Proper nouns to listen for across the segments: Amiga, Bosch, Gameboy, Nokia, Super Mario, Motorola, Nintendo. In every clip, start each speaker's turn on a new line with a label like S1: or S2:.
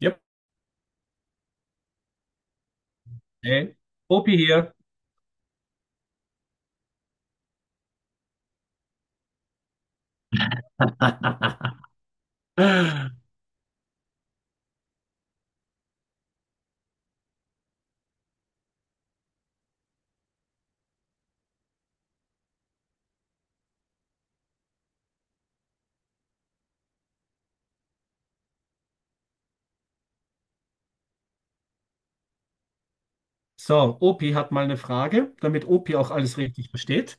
S1: Yep. Hey. Opi hier. So, Opi hat mal eine Frage, damit Opi auch alles richtig versteht.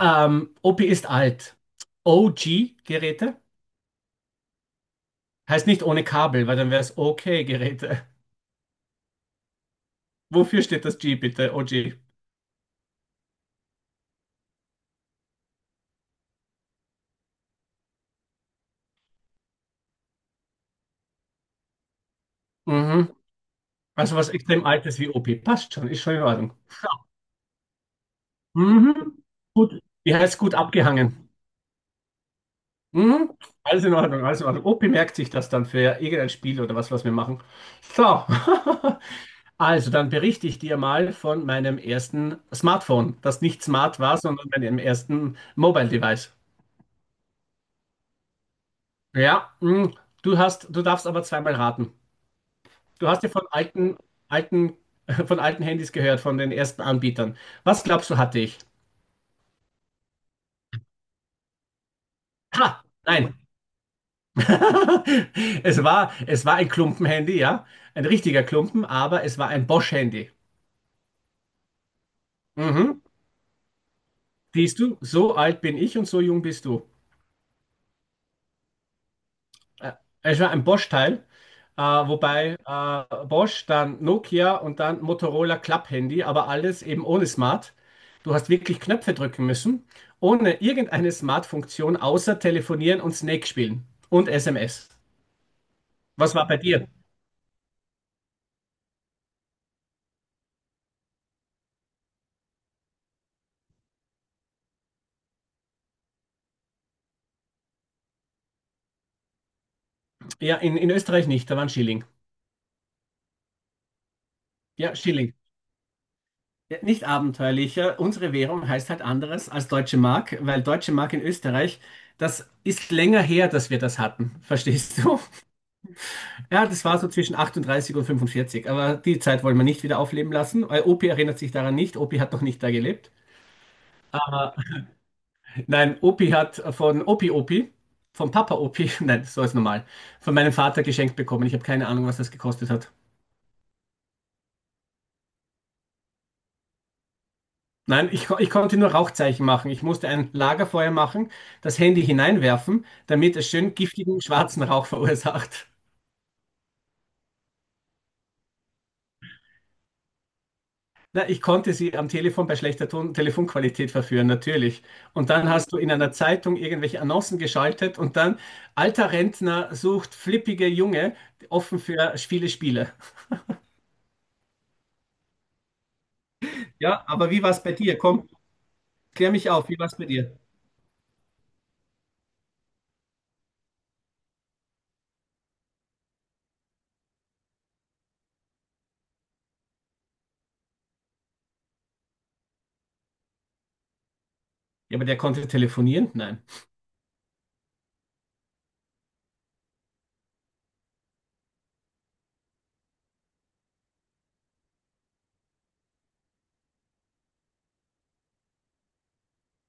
S1: Opi ist alt. OG-Geräte? Heißt nicht ohne Kabel, weil dann wäre es OK-Geräte. Wofür steht das G bitte? OG. Mhm. Also was extrem Altes wie Opi. Passt schon, ist schon in Ordnung. Ja. Mhm. Gut. Wie heißt gut abgehangen? Mhm. Alles in Ordnung, alles in Ordnung. Opi merkt sich das dann für irgendein Spiel oder was, was wir machen. So, also dann berichte ich dir mal von meinem ersten Smartphone, das nicht smart war, sondern meinem ersten Mobile Device. Ja, du darfst aber zweimal raten. Du hast ja von alten, von alten Handys gehört, von den ersten Anbietern. Was glaubst du, hatte ich? Ha, nein. Es war ein Klumpenhandy, ja. Ein richtiger Klumpen, aber es war ein Bosch-Handy. Mhm. Siehst du, so alt bin ich und so jung bist du. Äh, Es war ein Bosch-Teil, wobei Bosch, dann Nokia und dann Motorola Club-Handy, aber alles eben ohne Smart. Du hast wirklich Knöpfe drücken müssen, ohne irgendeine Smart-Funktion, außer telefonieren und Snake spielen und SMS. Was war bei dir? Ja, in Österreich nicht, da waren Schilling. Ja, Schilling. Ja, nicht abenteuerlicher. Unsere Währung heißt halt anderes als Deutsche Mark, weil Deutsche Mark in Österreich, das ist länger her, dass wir das hatten. Verstehst du? Ja, das war so zwischen 38 und 45. Aber die Zeit wollen wir nicht wieder aufleben lassen. Weil Opi erinnert sich daran nicht. Opi hat noch nicht da gelebt. Aber nein, Opi hat von Opi Opi, von Papa Opi, nein, so ist normal, von meinem Vater geschenkt bekommen. Ich habe keine Ahnung, was das gekostet hat. Nein, ich konnte nur Rauchzeichen machen. Ich musste ein Lagerfeuer machen, das Handy hineinwerfen, damit es schön giftigen schwarzen Rauch verursacht. Na, ich konnte sie am Telefon bei schlechter Ton Telefonqualität verführen, natürlich. Und dann hast du in einer Zeitung irgendwelche Annoncen geschaltet und dann alter Rentner sucht flippige Junge, offen für viele Spiele. Ja, aber wie war es bei dir? Komm, klär mich auf, wie war es bei dir? Ja, aber der konnte telefonieren? Nein.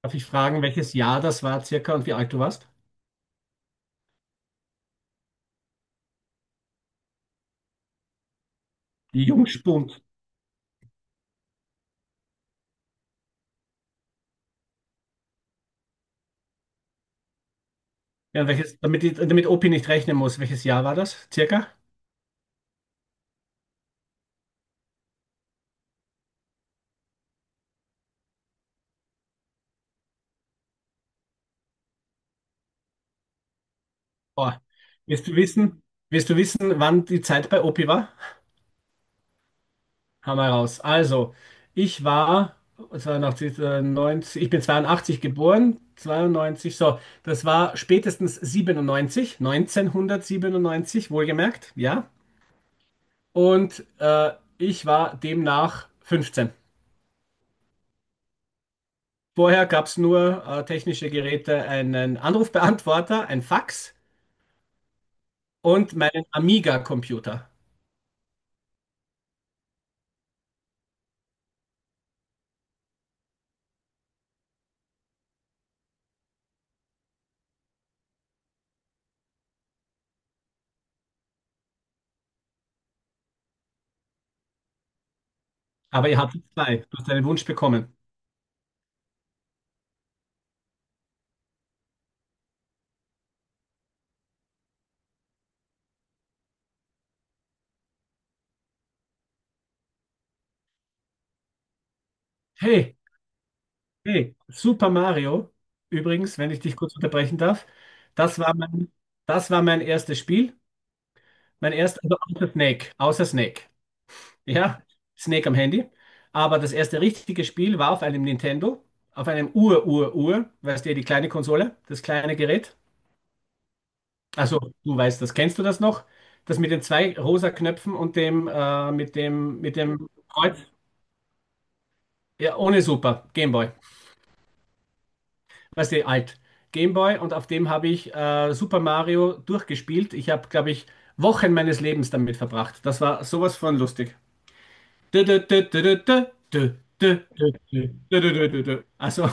S1: Darf ich fragen, welches Jahr das war circa und wie alt du warst? Jungspund. Ja, damit OP nicht rechnen muss, welches Jahr war das? Circa? Boah. Willst du wissen, willst du wissen, wann die Zeit bei OP war? Haben wir raus. Also, ich war 92, äh, 90, ich bin 82 geboren, 92 so, das war spätestens 1997, wohlgemerkt, ja. Und ich war demnach 15. Vorher gab es nur technische Geräte, einen Anrufbeantworter, ein Fax und meinen Amiga-Computer. Aber ihr hattet zwei. Du hast deinen Wunsch bekommen. Hey, hey, Super Mario, übrigens, wenn ich dich kurz unterbrechen darf, das war mein, das war mein erstes Spiel. Mein erstes, also außer Snake. Ja, Snake am Handy. Aber das erste richtige Spiel war auf einem Nintendo, auf einem Ur-Ur-Ur, weißt du, die kleine Konsole, das kleine Gerät. Also, du weißt das. Kennst du das noch? Das mit den zwei rosa Knöpfen und mit dem Kreuz? Ja, ohne Super. Gameboy. Weißt du, alt. Gameboy und auf dem habe ich Super Mario durchgespielt. Ich habe, glaube ich, Wochen meines Lebens damit verbracht. Das war sowas von lustig. Dö, dö, dö, dö, dö, dö, dö, dö, dö, dö, dö, dö, dö, dö, dö.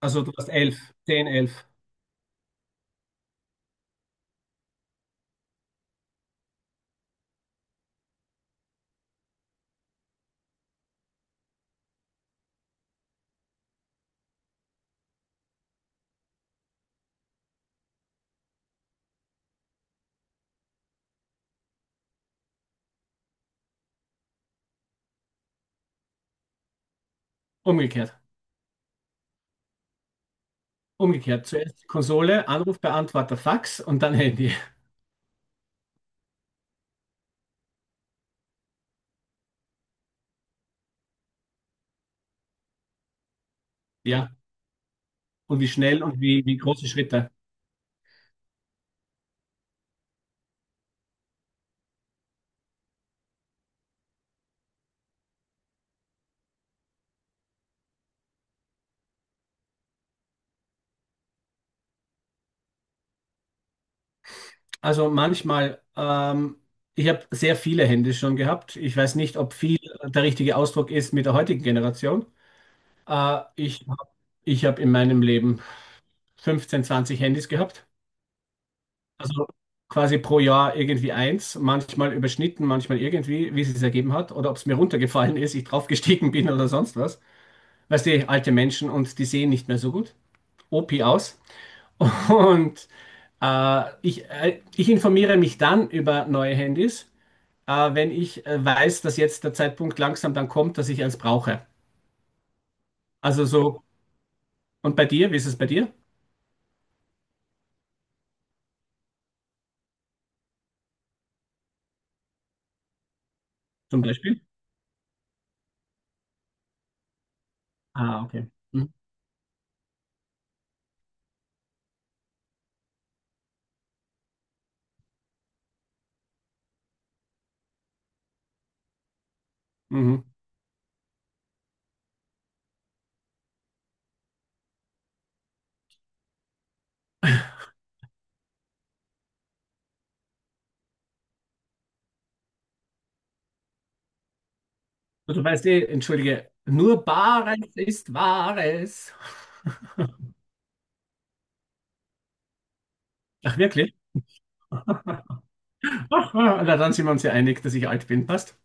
S1: Also du warst zehn, elf. Umgekehrt. Umgekehrt. Zuerst Konsole, Anrufbeantworter, Fax und dann Handy. Ja. Und wie schnell und wie, wie große Schritte. Also manchmal, ich habe sehr viele Hände schon gehabt. Ich weiß nicht, ob viel der richtige Ausdruck ist mit der heutigen Generation. Äh, ich hab- ich habe in meinem Leben 15, 20 Handys gehabt. Also quasi pro Jahr irgendwie eins, manchmal überschnitten, manchmal irgendwie, wie es sich ergeben hat. Oder ob es mir runtergefallen ist, ich draufgestiegen bin oder sonst was. Weißt du, alte Menschen und die sehen nicht mehr so gut. OP aus. Und ich informiere mich dann über neue Handys, wenn ich weiß, dass jetzt der Zeitpunkt langsam dann kommt, dass ich eins brauche. Also so, und bei dir, wie ist es bei dir zum Beispiel? Ah, okay. Mhm. Mhm. Du weißt eh, entschuldige, nur Bares ist Wahres. Ach, wirklich? Na, dann sind wir uns ja einig, dass ich alt bin, passt.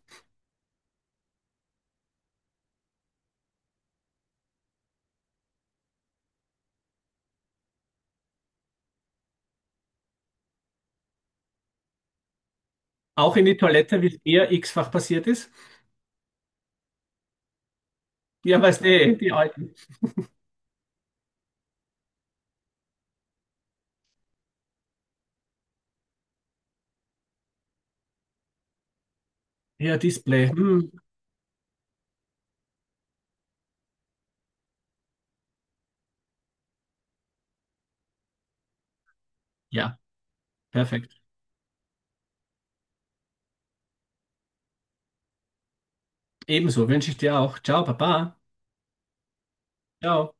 S1: Auch in die Toilette, wie es eher x-fach passiert ist. Ja, weißt eh, die alten. Ja, Display. Hm. Ja, perfekt. Ebenso wünsche ich dir auch. Ciao, Papa. Ciao.